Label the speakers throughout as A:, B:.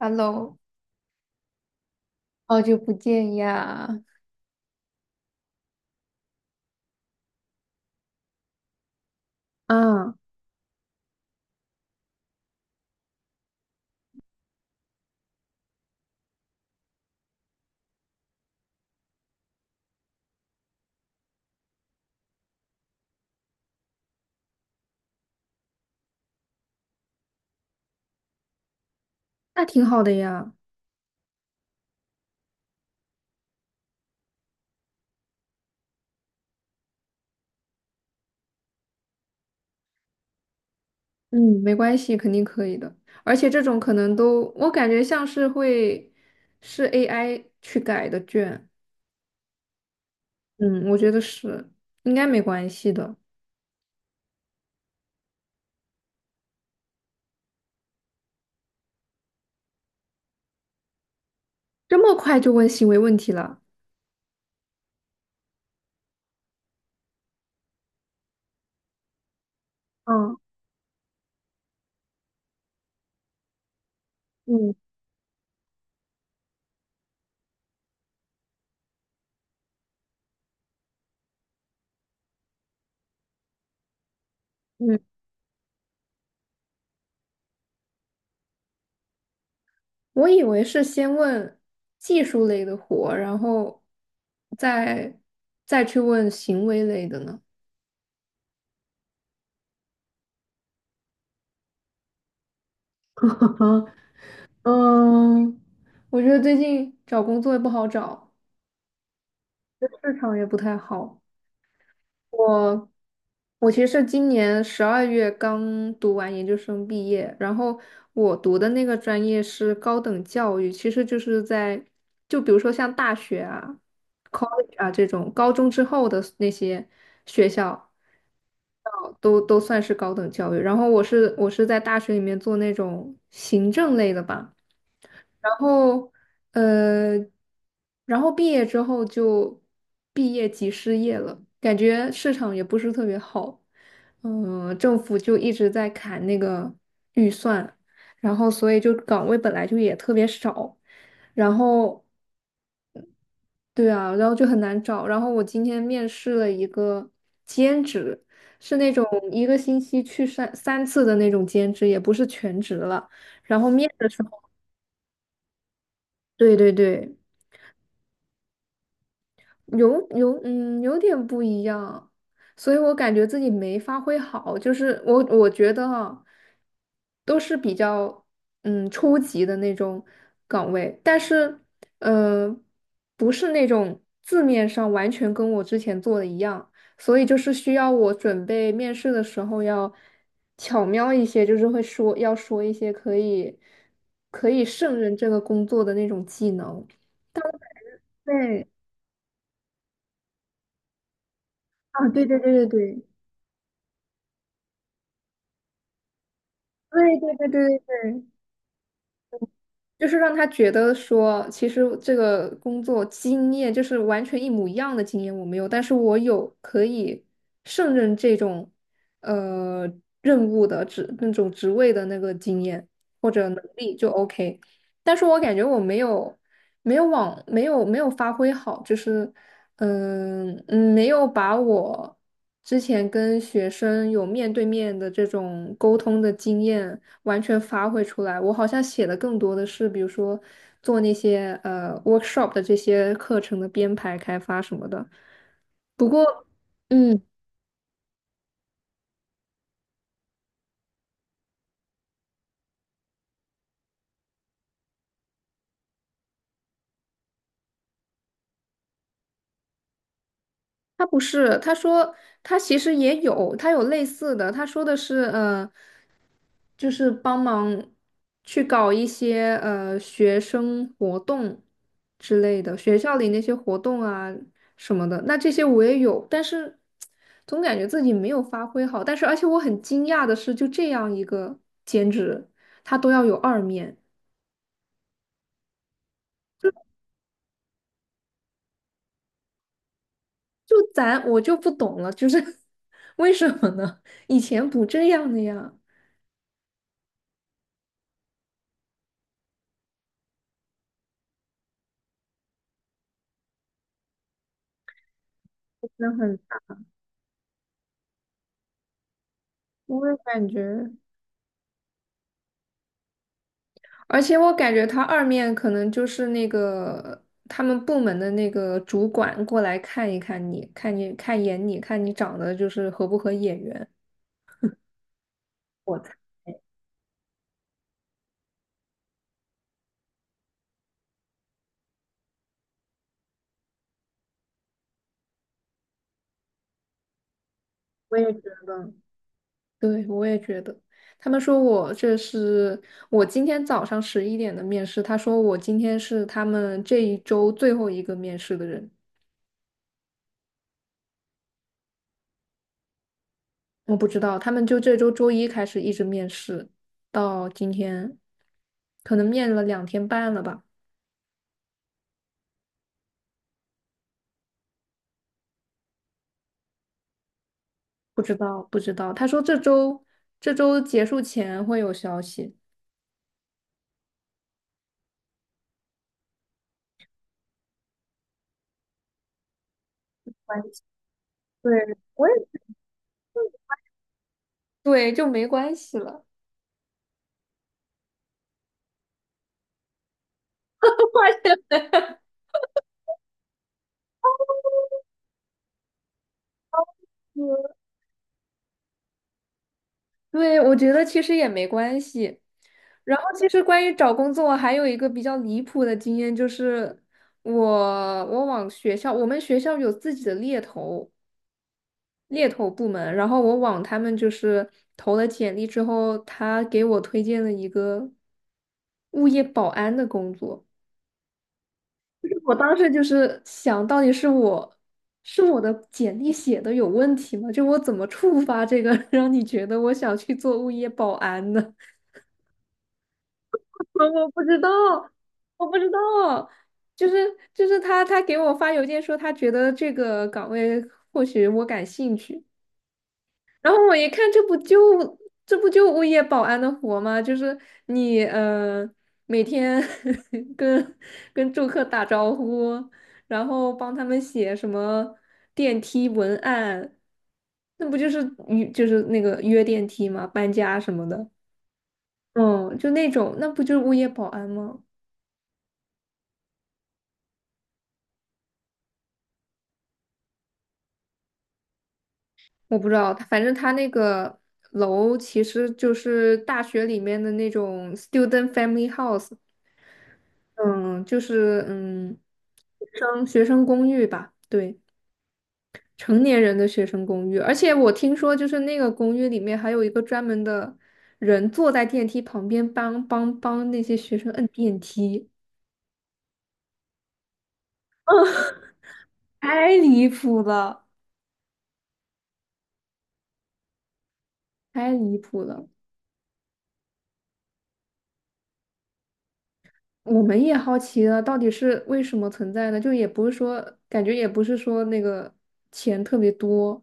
A: Hello，好久不见呀！啊，那挺好的呀。嗯，没关系，肯定可以的。而且这种可能都，我感觉像是会是 AI 去改的卷。嗯，我觉得是，应该没关系的。这么快就问行为问题了？嗯嗯嗯，我以为是先问技术类的活，然后再再去问行为类的呢。嗯，我觉得最近找工作也不好找，市场也不太好。我我其实是今年12月刚读完研究生毕业，然后我读的那个专业是高等教育，其实就是在就比如说像大学啊、college 啊这种高中之后的那些学校，高都算是高等教育。然后我是在大学里面做那种行政类的吧，然后呃，然后毕业之后就毕业即失业了，感觉市场也不是特别好，嗯、政府就一直在砍那个预算，然后所以就岗位本来就也特别少，然后。对啊，然后就很难找。然后我今天面试了一个兼职，是那种一个星期去三次的那种兼职，也不是全职了。然后面的时候，对对对，有有，嗯，有点不一样，所以我感觉自己没发挥好，就是我觉得啊，都是比较初级的那种岗位，但是呃不是那种字面上完全跟我之前做的一样，所以就是需要我准备面试的时候要巧妙一些，就是会说要说一些可以胜任这个工作的那种技能。对，啊，对对对对对。对对对对对对，就是让他觉得说，其实这个工作经验就是完全一模一样的经验我没有，但是我有可以胜任这种呃任务的那种职位的那个经验或者能力就 OK，但是我感觉我没有没有往没有没有发挥好，就是没有把我之前跟学生有面对面的这种沟通的经验。完全发挥出来。我好像写的更多的是，比如说做那些workshop 的这些课程的编排、开发什么的。不过，嗯。他不是，他说他其实也有，他有类似的，他说的是，就是帮忙去搞一些学生活动之类的，学校里那些活动啊什么的。那这些我也有，但是总感觉自己没有发挥好。但是而且我很惊讶的是，就这样一个兼职，他都要有二面，就咱我就不懂了，就是 为什么呢？以前不这样的呀，真的很。我也感觉，而且我感觉他二面可能就是那个他们部门的那个主管过来看一看你，看你看一眼你，看你长得就是合不合眼缘。我猜我也觉得，对，我也觉得。他们说我这是我今天早上11点的面试，他说我今天是他们这一周最后一个面试的人。我不知道，他们就这周周一开始一直面试，到今天，可能面了2天半了吧。不知道，不知道。他说这周结束前会有消息。关系对，我也对，就没关系了。关系对，我觉得其实也没关系。然后，其实关于找工作，还有一个比较离谱的经验，就是我我往学校，我们学校有自己的猎头部门，然后我往他们就是投了简历之后，他给我推荐了一个物业保安的工作。我当时就是想到底是我的简历写的有问题吗？就我怎么触发这个，让你觉得我想去做物业保安呢？我不知道，我不知道，就是他给我发邮件说他觉得这个岗位或许我感兴趣，然后我一看，这不就物业保安的活吗？就是你每天 跟跟住客打招呼，然后帮他们写什么电梯文案，那不就是约就是那个约电梯吗？搬家什么的，嗯，就那种，那不就是物业保安吗？我不知道，反正他那个楼其实就是大学里面的那种 student family house。嗯，就是学生公寓吧，对，成年人的学生公寓。而且我听说，就是那个公寓里面还有一个专门的人坐在电梯旁边帮那些学生摁电梯 太离谱了，太离谱了。我们也好奇了，到底是为什么存在呢？就也不是说，感觉也不是说那个钱特别多，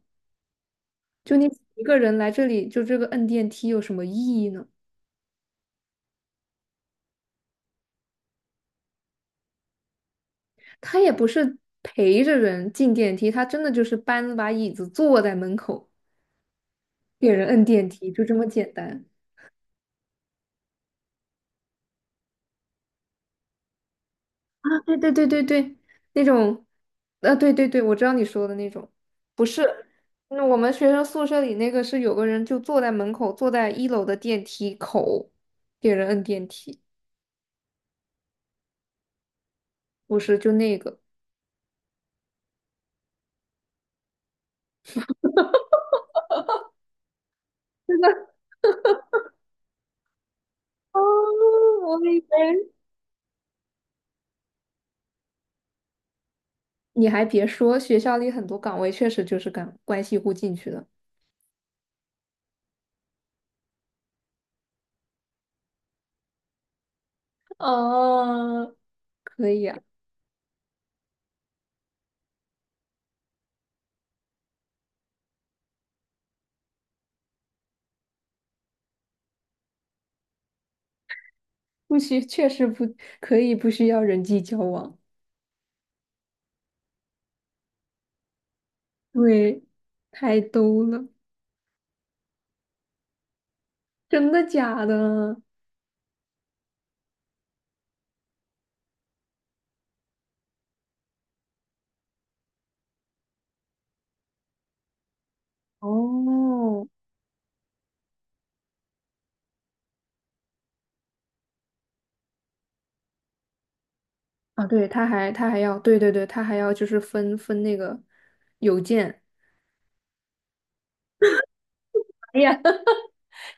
A: 就你一个人来这里，就这个摁电梯有什么意义呢？他也不是陪着人进电梯，他真的就是搬了把椅子坐在门口给人摁电梯，就这么简单啊！对对对对对，那种，啊对对对，我知道你说的那种，不是，那我们学生宿舍里那个是有个人就坐在门口，坐在一楼的电梯口给人摁电梯，不是就那个。哦，我以为，你还别说，学校里很多岗位确实就是干关系户进去的，哦，可以啊。不需，确实不可以不需要人际交往，对，太逗了，真的假的？哦，啊，对，他还要，对对对，他还要就是分那个邮件。哎呀，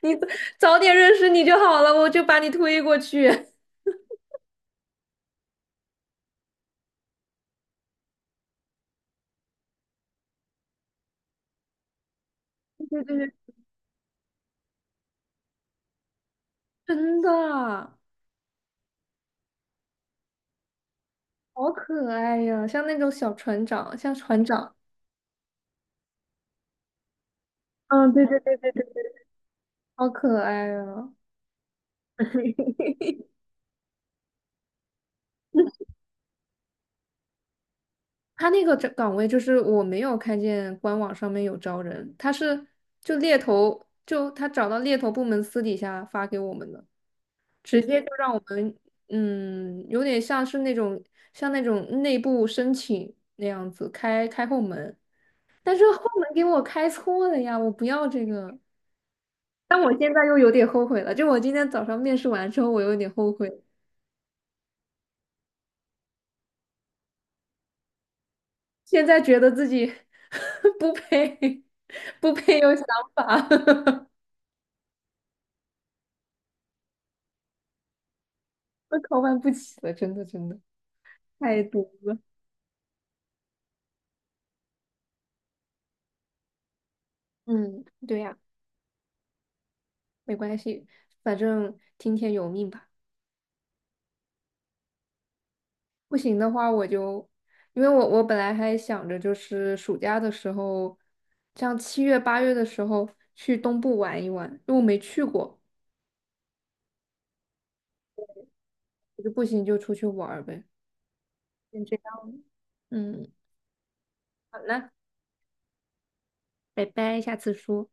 A: 你早点认识你就好了，我就把你推过去。对对对，真的啊，好可爱呀，像那种小船长，像船长，嗯，对对对，好可爱啊。嘿。他那个这岗位就是我没有看见官网上面有招人，他是就猎头，就他找到猎头部门私底下发给我们的，直接就让我们，有点像是那种内部申请那样子开后门，但是后门给我开错了呀，我不要这个，但我现在又有点后悔了，就我今天早上面试完之后，我有点后悔，现在觉得自己 不配 不配有想法。我考办不起了，真的真的太多了。嗯，对呀，没关系，反正听天由命吧。不行的话，我就，因为我本来还想着就是暑假的时候，像7月8月的时候去东部玩一玩，因为我没去过，我就不行就出去玩儿呗。先这样，嗯，好了，拜拜，下次说。